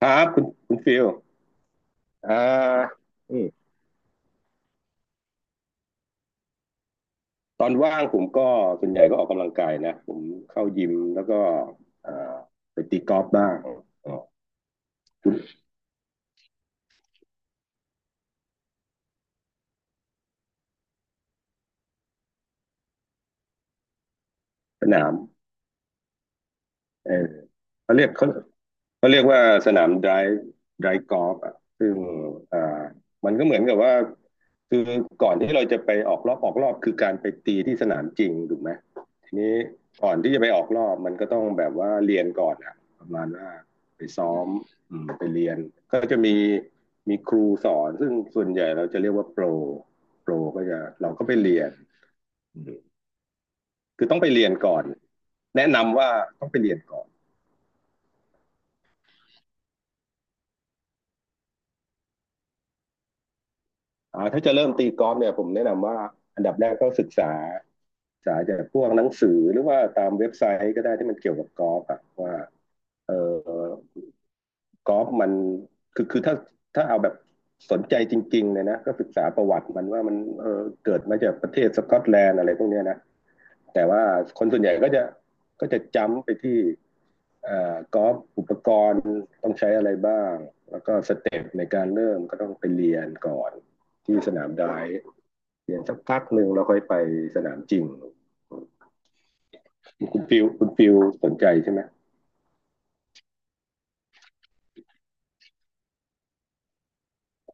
ครับคุณฟิลอ่าอืมตอนว่างผมก็ส่วนใหญ่ก็ออกกำลังกายนะผมเข้ายิมแล้วก็อ่าไปตีกอล์ฟบ้างออกสนามเออเขาเรียกเขาเขาเรียกว่าสนามไดร์กอล์ฟอ่ะซึ่งอ่ามันก็เหมือนกับว่าคือก่อนที่เราจะไปออกรอบออกรอบคือการไปตีที่สนามจริงถูกไหม ทีนี้ก่อนที่จะไปออกรอบมันก็ต้องแบบว่าเรียนก่อนอะประมาณว่าไปซ้อมไปเรียนก็จะมีครูสอนซึ่งส่วนใหญ่เราจะเรียกว่าโปรโปรก็จะเราก็ไปเรียนคือต้องไปเรียนก่อนแนะนำว่าต้องไปเรียนก่อนถ้าจะเริ่มตีกอล์ฟเนี่ยผมแนะนำว่าอันดับแรกก็ศึกษาจากพวกหนังสือหรือว่าตามเว็บไซต์ก็ได้ที่มันเกี่ยวกับกอล์ฟอะว่าเออ กอล์ฟมันคือถ้าเอาแบบสนใจจริงๆเลยนะก็ศึกษาประวัติมันว่ามันเกิดมาจากประเทศสกอตแลนด์อะไรพวกเนี้ยนะแต่ว่าคนส่วนใหญ่ก็จะจำไปที่อ่อกอล์ฟอุปกรณ์ต้องใช้อะไรบ้างแล้วก็สเต็ปในการเริ่มก็ต้องไปเรียนก่อนที่สนามไดฟ์เรียนสักพักหนึ่งแล้วค่อยไปสนามจริงคุณฟิวคุณฟิวสนใจใช่ไหม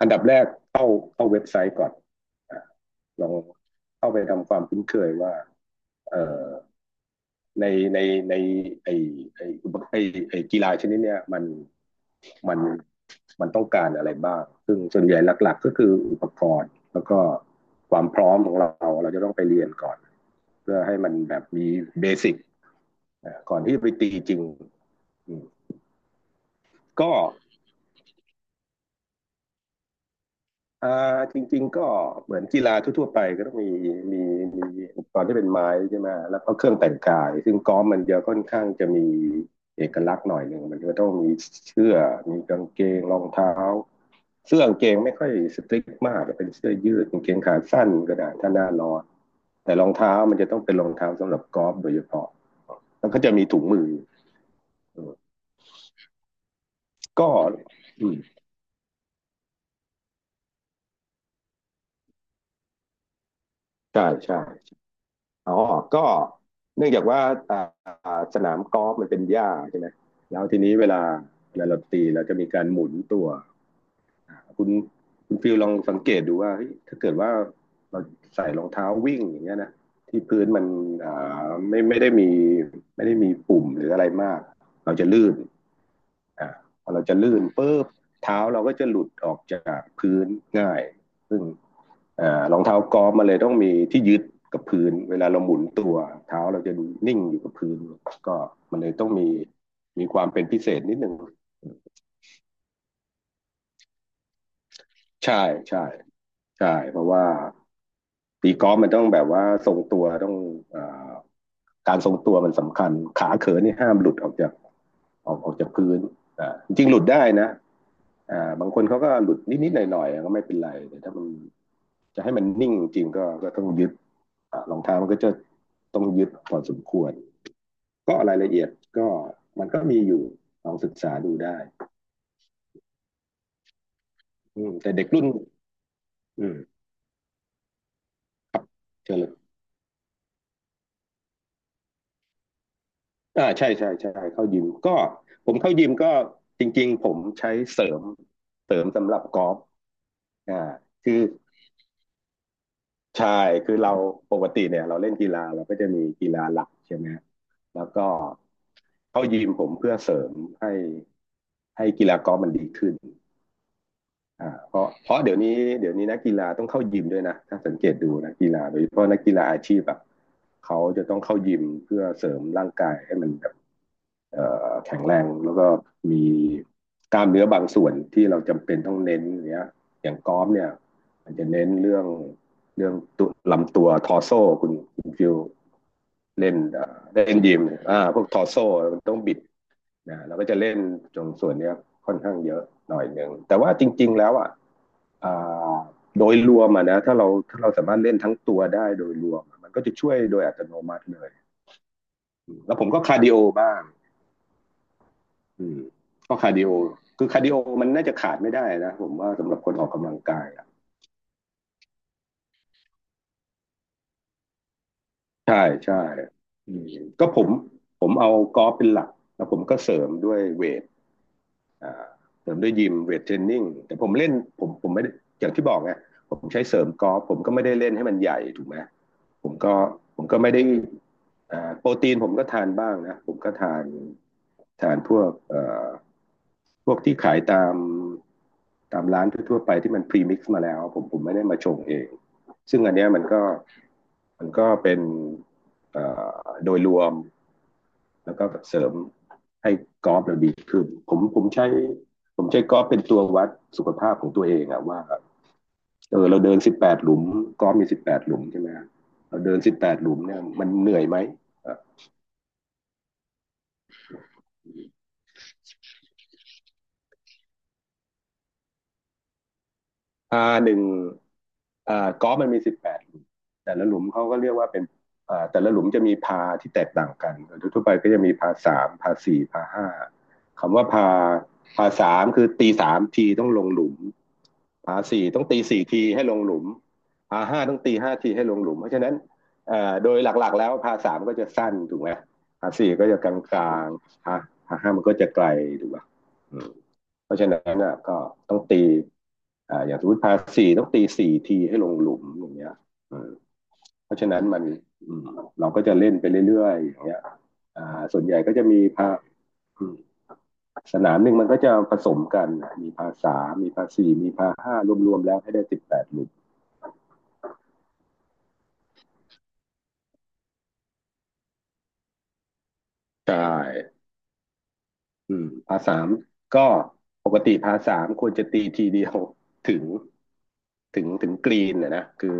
อันดับแรกเข้าเข้าเว็บไซต์ก่อนลองเข้าไปทำความคุ้นเคยว่า เอ่อในในในไอไอไอไอกีฬาชนิดเนี้ยมันมันต้องการอะไรบ้างซึ่งส่วนใหญ่หลักๆก็คืออุปกรณ์แล้วก็ความพร้อมของเราเราจะต้องไปเรียนก่อนเพื่อให้มันแบบมีเบสิกก่อนที่ไปตีจริงก็ จริงๆก็เหมือนกีฬาทั่วๆไปก็ต้องมีมีอุปกรณ์ที่เป็นไม้ใช่ไหมแล้วก็เครื่องแต่งกายซึ่งกอล์ฟมันจะค่อนข้างจะมีเอกลักษณ์หน่อยหนึ่งมันก็ต้องมีเสื้อมีกางเกงรองเท้าเสื้อกางเกงไม่ค่อยสตริกมากเป็นเสื้อยืดกางเกงขาสั้นก็ได้ถ้าหน้าร้อนแต่รองเท้ามันจะต้องเป็นรองเท้าสำหรับกอล์ฟโดยเฉพาะแล้วก็จะมีถุงมือก็อืมใช่ใช่ อ๋อก็เนื่องจากว่าอ่าสนามกอล์ฟมันเป็นหญ้าใช่ไหม แล้วทีนี้เวลาเราตีเราจะมีการหมุนตัวคุณคุณฟิลลองสังเกตดูว่าเฮ้ยถ้าเกิดว่าเราใส่รองเท้าวิ่งอย่างเงี้ยนะที่พื้นมันอ่าไม่ไม่ได้มีไม่ได้มีปุ่มหรืออะไรมากเราจะลื่นอ่าพอเราจะลื่นปุ๊บเท้าเราก็จะหลุดออกจากพื้นง่าย่ อ่อรองเท้ากอล์ฟมันเลยต้องมีที่ยึดกับพื้นเวลาเราหมุนตัวเท้าเราจะนิ่งอยู่กับพื้นก็มันเลยต้องมีความเป็นพิเศษนิดหนึ่งใช่ใช่ใช่เพราะว่าตีกอล์ฟมันต้องแบบว่าทรงตัวต้องเอ่อการทรงตัวมันสำคัญขาเขินนี่ห้ามหลุดออกจากพื้นจริงๆหลุดได้นะบางคนเขาก็หลุดนิดๆหน่อยๆก็ไม่เป็นไรแต่ถ้ามันจะให้มันนิ่งจริงก็ก็ต้องยึดรองเท้ามันก็จะต้องยึดพอสมควร ก็รายละเอียดก็มันก็มีอยู่ลองศึกษาดูได้อืมแต่เด็กรุ่นอืมเชเลยใช่ใช่ใช่เข้ายิมก็ผมเข้ายิมก็จริงๆผมใช้เสริมสำหรับกอล์ฟอ่าคือใช่คือเราปกติเนี่ยเราเล่นกีฬาเราก็จะมีกีฬาหลักใช่ไหมฮะแล้วก็เข้ายิมผมเพื่อเสริมให้ให้กีฬากอล์ฟมันดีขึ้น เพราะเดี๋ยวนี้นักกีฬาต้องเข้ายิมด้วยนะถ้าสังเกตดูนักกีฬาโดยเฉพาะนักกีฬาอาชีพอ่ะเขาจะต้องเข้ายิมเพื่อเสริมร่างกายให้มันแบบแข็งแรงแล้วก็มีกล้ามเนื้อบางส่วนที่เราจำเป็นต้องเน้นอย่างเนี้ยอย่างกอล์ฟเนี่ยมันจะเน้นเรื่องตัวลำตัวทอร์โซคุณฟิวเล่นยิมพวกทอร์โซมันต้องบิดนะเราก็จะเล่นตรงส่วนเนี้ยค่อนข้างเยอะหน่อยหนึ่งแต่ว่าจริงๆแล้วอ่ะ อ่าโดยรวมอะนะถ้าเราสามารถเล่นทั้งตัวได้โดยรวมมันก็จะช่วยโดยอัตโนมัติเลยแล้วผมก็คาร์ดิโอบ้างอืมก็คาร์ดิโอคือคาร์ดิโอมันน่าจะขาดไม่ได้นะผมว่าสำหรับคนออกกำลังกายอะใช่ใช่อืมก็ผมเอากอล์ฟเป็นหลักแล้วผมก็เสริมด้วยเวท เสริมด้วยยิมเวทเทรนนิ่งแต่ผมเล่นผมไม่อย่างที่บอกไงผมใช้เสริมกอล์ฟผมก็ไม่ได้เล่นให้มันใหญ่ถูกไหมผมก็ผมก็ไม่ได้อโปรตีนผมก็ทานบ้างนะผมก็ทานทานพวกพวกที่ขายตามตามร้านทั่วๆไปที่มันพรีมิกซ์มาแล้วผมไม่ได้มาชงเองซึ่งอันเนี้ยมันก็มันก็เป็นเอ่อโดยรวม แล้วก็เสริมให้กอล์ฟเราดีขึ้นผมใช้ผมใช้กอล์ฟเป็นตัววัดสุขภาพของตัวเองอะว่าเออเราเดินสิบแปดหลุมกอล์ฟมีสิบแปดหลุมใช่ไหมเราเดินสิบแปดหลุมเนี่ยมันเหนื่อยไหมอ่าหนึ่งอ่ากอล์ฟมันมีสิบแปดหลุมแต่ละหลุมเขาก็เรียกว่าเป็นอ่าแต่ละหลุมจะมีพาที่แตกต่างกันทั่วๆไปก็จะมีพาสามพาสี่พาห้าคำว่าพาพาสามคือตีสามทีต้องลงหลุม ผาสี่ต้องตีสี่ทีให้ลงหลุมผาห้าต้องตีห้าทีให้ลงหลุมเพราะฉะนั้นโดยหลักๆแล้วผาสามก็จะสั้นถูกไหมผาสี่ก็จะกลางๆผาห้ามันก็จะไกลถูกป่ะอืมเพราะฉะนั้นน่ะก็ต้องตีอ่าอย่างสมมติผาสี่ต้องตีสี่ทีให้ลงหลุมอย่างเงี้ยอืมเพราะฉะนั้นมันอืมเราก็จะเล่นไปเรื่อยๆอย่างเงี้ยอ่าส่วนใหญ่ก็จะมีพาอืมสนามหนึ่งมันก็จะผสมกันมีพาสามมีพาสี่มีพาห้ารวมๆแล้วให้ได้สิบแปดหลุม ใช่อืมพาร์ทสามก็ปกติพาร์ทสามควรจะตีทีเดียวถึงถึงกรีนนะนะคือ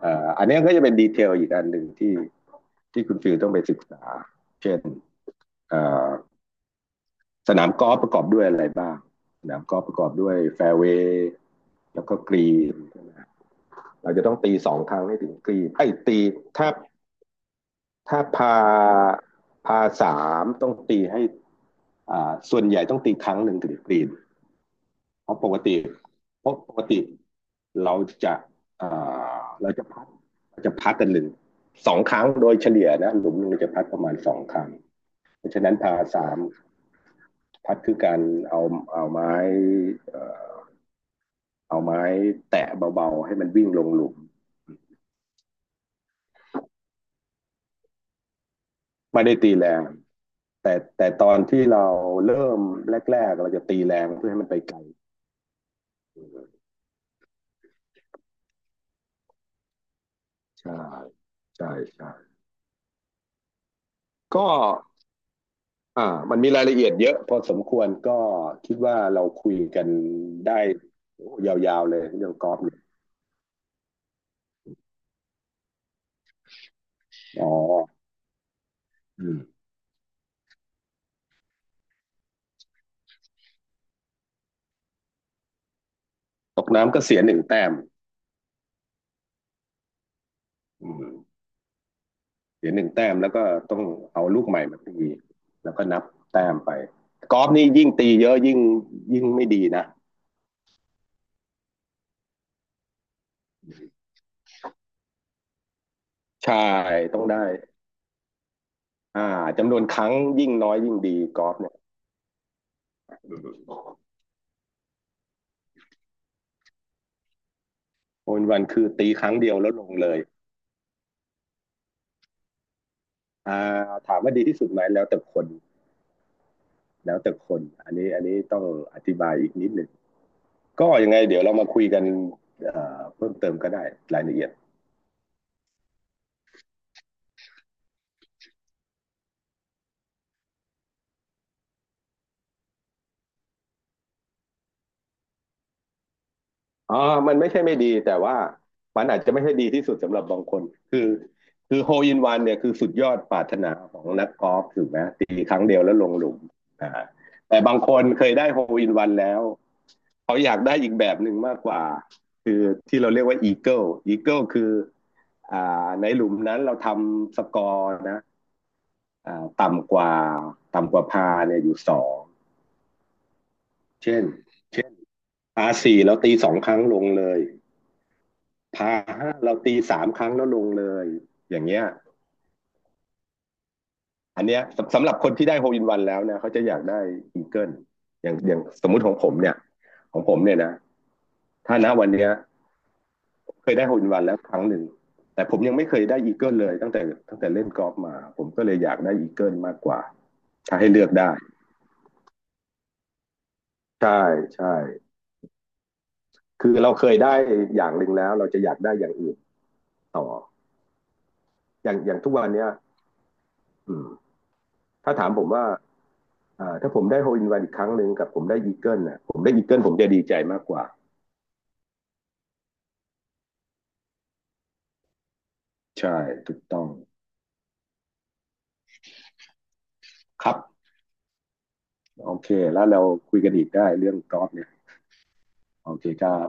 อันเนี้ยก็จะเป็นดีเทลอีกอันหนึ่งที่ที่คุณฟิลต้องไปศึกษาเช่นเอ่อสนามกอล์ฟประกอบด้วยอะไรบ้างสนามกอล์ฟประกอบด้วยแฟร์เวย์แล้วก็กรีนเราจะต้องตีสองครั้งให้ถึงกรีนไอ้ยตีถ้าถ้าพาสามต้องตีให้อ่าส่วนใหญ่ต้องตีครั้งหนึ่งถึงกรีน เพราะปกติเพราะปกติเราจะเอ่เราจะพัดเราจะพัดกันหนึ่งสองครั้งโดยเฉลี่ยนะหลุมหนึ่งเราจะพัดประมาณสองครั้งเพราะฉะนั้นพาสามพัดคือการเอาเอาไม้เอ่อเอาไม้แตะเบาๆให้มันวิ่งลงหลุมไม่ได้ตีแรงแต่ตอนที่เราเริ่มแรกๆเราจะตีแรงเพื่อให้มันไปไกลใช่ใช่ใช่ก็ อ่ามันมีรายละเอียดเยอะพอสมควรก็คิดว่าเราคุยกันได้โอ้ยาวๆเลยเรื่องกอล์ฟเนี่ยอ๋ออืมตกน้ำก็เสียหนึ่งแต้มอืมเสียหนึ่งแต้มแล้วก็ต้องเอาลูกใหม่มาตีแล้วก็นับแต้มไปกอล์ฟนี่ยิ่งตีเยอะยิ่งไม่ดีนะใช่ต้องได้อ่าจำนวนครั้งยิ่งน้อยยิ่งดีกอล์ฟเนี่ยอืมโอนวันคือตีครั้งเดียวแล้วลงเลยอ่าถามว่าดีที่สุดไหมแล้วแต่คน แล้วแต่คนอันนี้ต้องอธิบายอีกนิดหนึ่ง ก็ยังไงเดี๋ยวเรามาคุยกันเพิ่มเติมก็ได้รายละเอียดอ๋อมันไม่ใช่ไม่ดีแต่ว่ามันอาจจะไม่ใช่ดีที่สุดสำหรับบางคน คือคือโฮลอินวันเนี่ยคือสุดยอดปรารถนาของนักกอล์ฟถูกไหมตีครั้งเดียวแล้วลงหลุมอ่าแต่บางคนเคยได้โฮลอินวันแล้วเขาอยากได้อีกแบบหนึ่งมากกว่าคือที่เราเรียกว่าอีเกิลอีเกิลคืออ่าในหลุมนั้นเราทำสกอร์นะ อ่าต่ำกว่าพาเนี่ยอยู่สองเช่นเช่นพาสี่เราตีสองครั้งลงเลยพาห้าเราตีสามครั้งแล้วลงเลยอย่างเงี้ยอันเนี้ยสำหรับคนที่ได้โฮลอินวันแล้วเนี่ยเขาจะอยากได้อีเกิลอย่างอย่างสมมุติของผมเนี่ยของผมเนี่ยนะถ้าณวันนี้เคยได้โฮลอินวันแล้วครั้งหนึ่งแต่ผมยังไม่เคยได้อีเกิลเลยตั้งแต่เล่นกอล์ฟมาผมก็เลยอยากได้อีเกิลมากกว่าถ้าให้เลือกได้ใช่ใช่ คือเราเคยได้อย่างหนึ่งแล้วเราจะอยากได้อย่างอื่นต่ออย่างอย่างทุกวันเนี้ยถ้าถามผมว่าถ้าผมได้โฮลอินวันอีกครั้งหนึ่งกับผมได้อีเกิลนะผมได้อีเกิลผมจะดีใจมากกว่าใช่ถูกต้องครับโอเคแล้วเราคุยกันอีกได้เรื่องกอล์ฟเนี่ยโอเคครับ